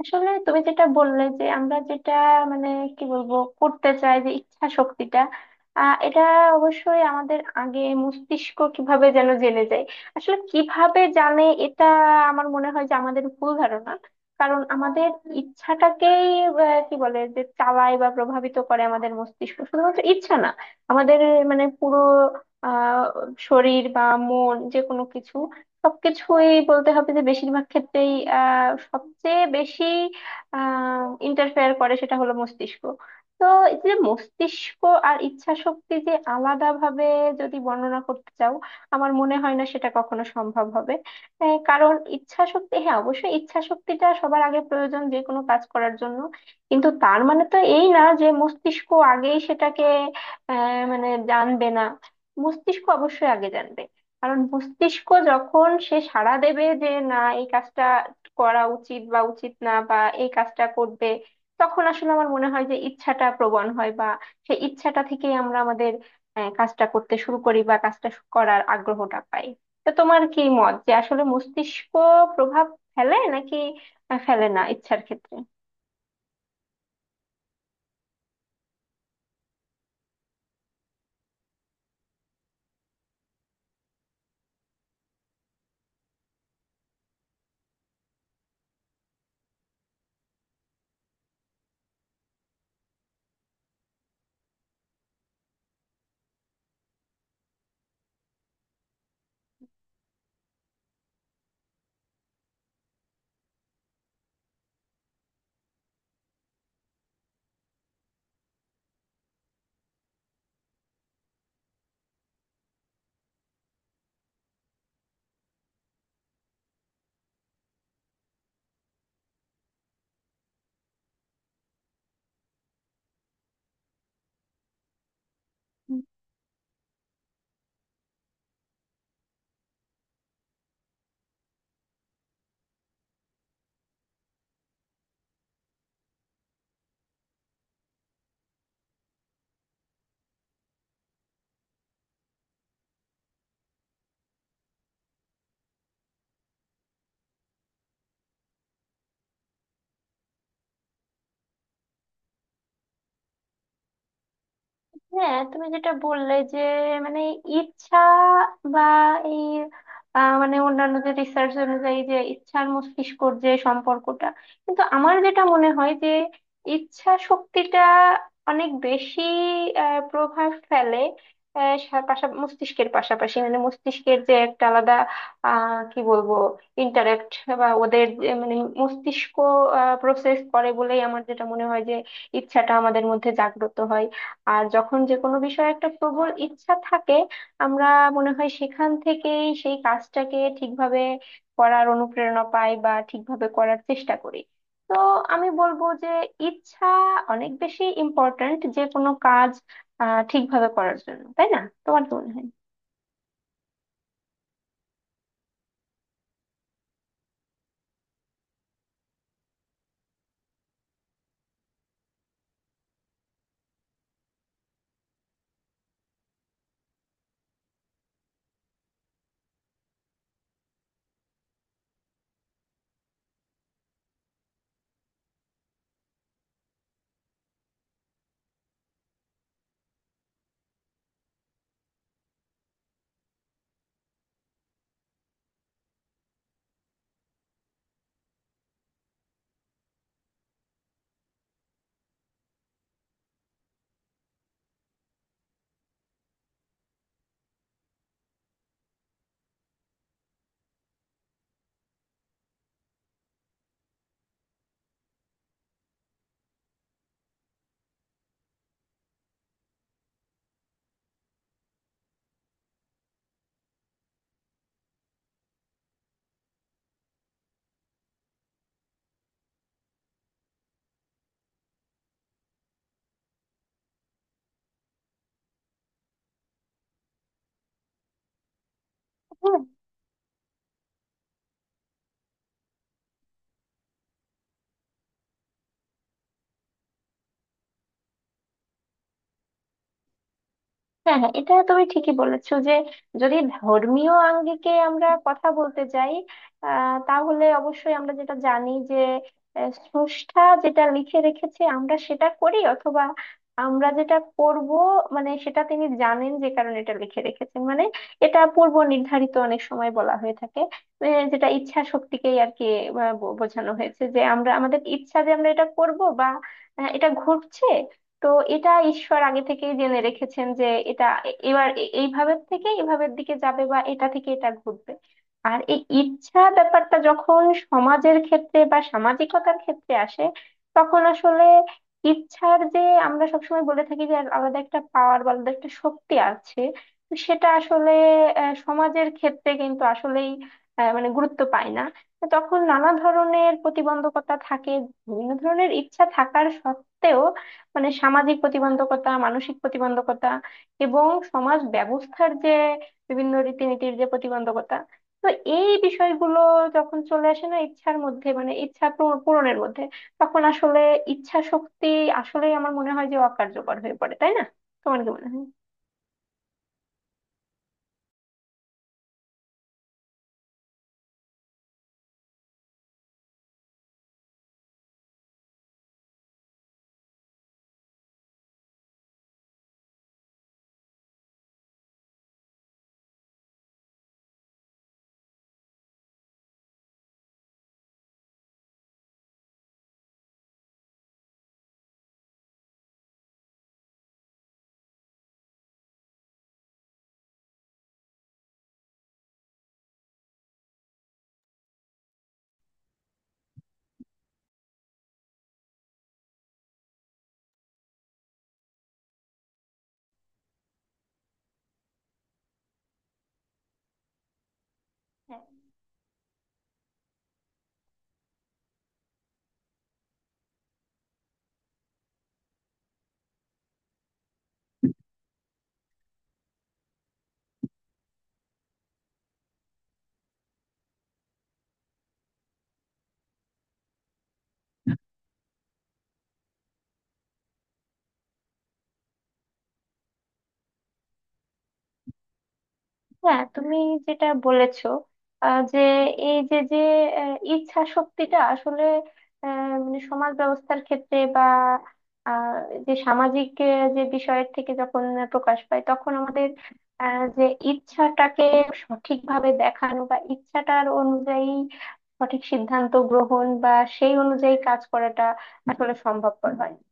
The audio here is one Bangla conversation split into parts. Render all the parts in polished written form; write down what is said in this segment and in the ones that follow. আসলে তুমি যেটা বললে যে আমরা যেটা মানে কি বলবো করতে চাই যে ইচ্ছা শক্তিটা, এটা অবশ্যই আমাদের আগে মস্তিষ্ক কিভাবে যেন জেনে যায়। আসলে কিভাবে জানে এটা? আমার মনে হয় যে আমাদের ভুল ধারণা, কারণ আমাদের ইচ্ছাটাকেই আহ, কি বলে যে চালায় বা প্রভাবিত করে আমাদের মস্তিষ্ক, শুধুমাত্র ইচ্ছা না। আমাদের মানে পুরো আহ শরীর বা মন, যে কোনো কিছু, সবকিছুই বলতে হবে যে বেশিরভাগ ক্ষেত্রেই সবচেয়ে বেশি আহ ইন্টারফেয়ার করে সেটা হলো মস্তিষ্ক। তো এই যে মস্তিষ্ক আর ইচ্ছা শক্তি, যে আলাদা ভাবে যদি বর্ণনা করতে চাও, আমার মনে হয় না সেটা কখনো সম্ভব হবে। কারণ ইচ্ছা শক্তি, হ্যাঁ অবশ্যই ইচ্ছা শক্তিটা সবার আগে প্রয়োজন যে কোনো কাজ করার জন্য, কিন্তু তার মানে তো এই না যে মস্তিষ্ক আগেই সেটাকে মানে জানবে না। মস্তিষ্ক অবশ্যই আগে জানবে, কারণ মস্তিষ্ক যখন সে সাড়া দেবে যে না এই কাজটা করা উচিত বা উচিত না, বা এই কাজটা করবে, তখন আসলে আমার মনে হয় যে ইচ্ছাটা প্রবণ হয়, বা সেই ইচ্ছাটা থেকেই আমরা আমাদের কাজটা করতে শুরু করি বা করার আগ্রহটা পাই। তো তোমার কি মত, যে আসলে মস্তিষ্ক প্রভাব ফেলে নাকি ফেলে না ইচ্ছার ক্ষেত্রে? হ্যাঁ, তুমি যেটা বললে যে মানে ইচ্ছা বা এই মানে অন্যান্য যে রিসার্চ অনুযায়ী যে ইচ্ছার মস্তিষ্কর যে সম্পর্কটা, কিন্তু আমার যেটা মনে হয় যে ইচ্ছা শক্তিটা অনেক বেশি প্রভাব ফেলে। মস্তিষ্কের পাশাপাশি মানে মস্তিষ্কের যে একটা আলাদা আহ কি বলবো ইন্টারেক্ট বা ওদের যে মানে মস্তিষ্ক প্রসেস করে বলেই আমার যেটা মনে হয় যে ইচ্ছাটা আমাদের মধ্যে জাগ্রত হয়। আর যখন যে কোনো বিষয়ে একটা প্রবল ইচ্ছা থাকে, আমরা মনে হয় সেখান থেকেই সেই কাজটাকে ঠিকভাবে করার অনুপ্রেরণা পাই বা ঠিকভাবে করার চেষ্টা করি। তো আমি বলবো যে ইচ্ছা অনেক বেশি ইম্পর্ট্যান্ট যে কোনো কাজ ঠিকভাবে করার জন্য, তাই না? তোমার কি মনে হয়? হ্যাঁ, হ্যাঁ, হ্যাঁ, এটা তুমি ঠিকই বলেছো যে যদি ধর্মীয় আঙ্গিকে আমরা কথা বলতে যাই, তাহলে অবশ্যই আমরা যেটা জানি যে স্রষ্টা যেটা লিখে রেখেছে আমরা সেটা করি, অথবা আমরা যেটা করব মানে সেটা তিনি জানেন যে কারণে এটা লিখে রেখেছেন। মানে এটা পূর্ব নির্ধারিত, অনেক সময় বলা হয়ে থাকে। যেটা ইচ্ছা শক্তিকেই আর কি বোঝানো হয়েছে, যে আমরা আমাদের ইচ্ছা, যে আমরা এটা করব বা এটা ঘটছে, তো এটা ঈশ্বর আগে থেকেই জেনে রেখেছেন, যে এটা এবার এইভাবে থেকে এভাবের দিকে যাবে বা এটা থেকে এটা ঘটবে। আর এই ইচ্ছা ব্যাপারটা যখন সমাজের ক্ষেত্রে বা সামাজিকতার ক্ষেত্রে আসে, তখন আসলে ইচ্ছার যে, আমরা সবসময় বলে থাকি যে আর আলাদা একটা পাওয়ার বা আলাদা একটা শক্তি আছে, তো সেটা আসলে সমাজের ক্ষেত্রে কিন্তু আসলেই মানে গুরুত্ব পায় না। তো তখন নানা ধরনের প্রতিবন্ধকতা থাকে, বিভিন্ন ধরনের ইচ্ছা থাকার সত্ত্বেও, মানে সামাজিক প্রতিবন্ধকতা, মানসিক প্রতিবন্ধকতা এবং সমাজ ব্যবস্থার যে বিভিন্ন রীতিনীতির যে প্রতিবন্ধকতা, তো এই বিষয়গুলো যখন চলে আসে না ইচ্ছার মধ্যে, মানে ইচ্ছা পূরণের মধ্যে, তখন আসলে ইচ্ছা শক্তি আসলেই আমার মনে হয় যে অকার্যকর হয়ে পড়ে, তাই না? তোমার কি মনে হয়? হ্যাঁ, হ্যাঁ, তুমি যেটা বলেছো যে এই যে যে ইচ্ছা শক্তিটা আসলে মানে সমাজ ব্যবস্থার ক্ষেত্রে বা আহ, যে সামাজিক যে বিষয়ের থেকে যখন প্রকাশ পায়, তখন আমাদের যে ইচ্ছাটাকে সঠিকভাবে দেখানো বা ইচ্ছাটার অনুযায়ী সঠিক সিদ্ধান্ত গ্রহণ বা সেই অনুযায়ী কাজ করাটা আসলে সম্ভবপর হয় না।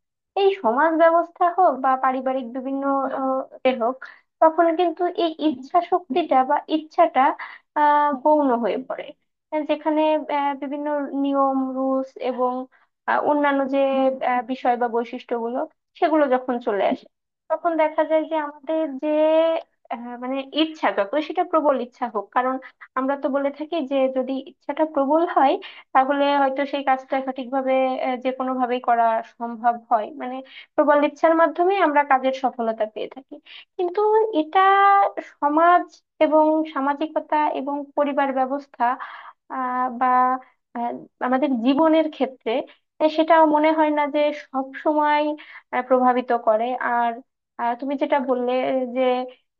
এই সমাজ ব্যবস্থা হোক বা পারিবারিক বিভিন্ন আহ, এ হোক, তখন কিন্তু এই ইচ্ছা শক্তিটা বা ইচ্ছাটা গৌণ হয়ে পড়ে, যেখানে বিভিন্ন নিয়ম, রুলস এবং অন্যান্য যে বিষয় বা বৈশিষ্ট্যগুলো, সেগুলো যখন চলে আসে, তখন দেখা যায় যে আমাদের যে মানে ইচ্ছা, যতই সেটা প্রবল ইচ্ছা হোক, কারণ আমরা তো বলে থাকি যে যদি ইচ্ছাটা প্রবল হয় তাহলে হয়তো সেই কাজটা সঠিকভাবে যে কোনো ভাবেই করা সম্ভব হয়, মানে প্রবল ইচ্ছার মাধ্যমে আমরা কাজের সফলতা পেয়ে থাকি। কিন্তু এটা সমাজ এবং সামাজিকতা এবং পরিবার ব্যবস্থা, বা আহ, আমাদের জীবনের ক্ষেত্রে সেটা মনে হয় না যে সব সময় প্রভাবিত করে। আর তুমি যেটা বললে যে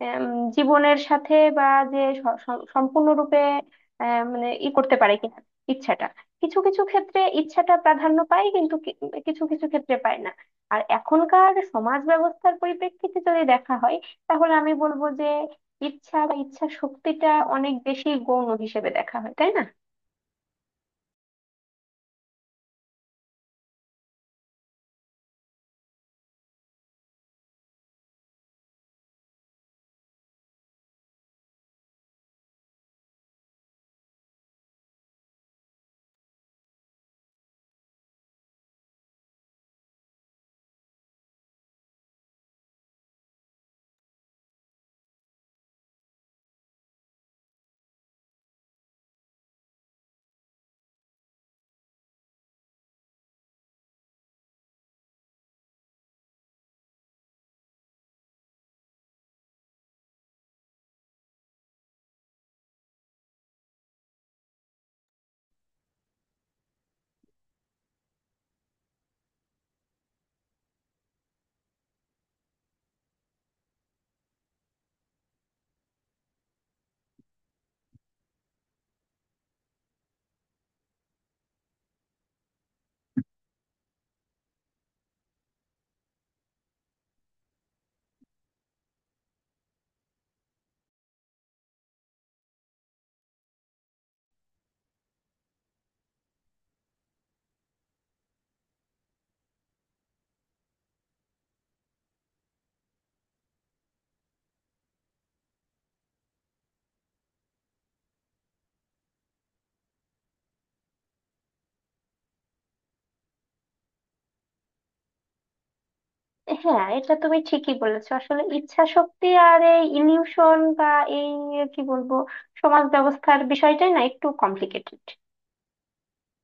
আম, জীবনের সাথে বা যে সম্পূর্ণরূপে মানে ই করতে পারে কিনা ইচ্ছাটা, কিছু কিছু ক্ষেত্রে ইচ্ছাটা প্রাধান্য পায় কিন্তু কিছু কিছু ক্ষেত্রে পায় না। আর এখনকার সমাজ ব্যবস্থার পরিপ্রেক্ষিতে যদি দেখা হয়, তাহলে আমি বলবো যে ইচ্ছা বা ইচ্ছা শক্তিটা অনেক বেশি গৌণ হিসেবে দেখা হয়, তাই না? হ্যাঁ, এটা তুমি ঠিকই বলেছো। আসলে ইচ্ছা শক্তি আর এই ইলিউশন বা এই কি বলবো সমাজ ব্যবস্থার বিষয়টাই না একটু কমপ্লিকেটেড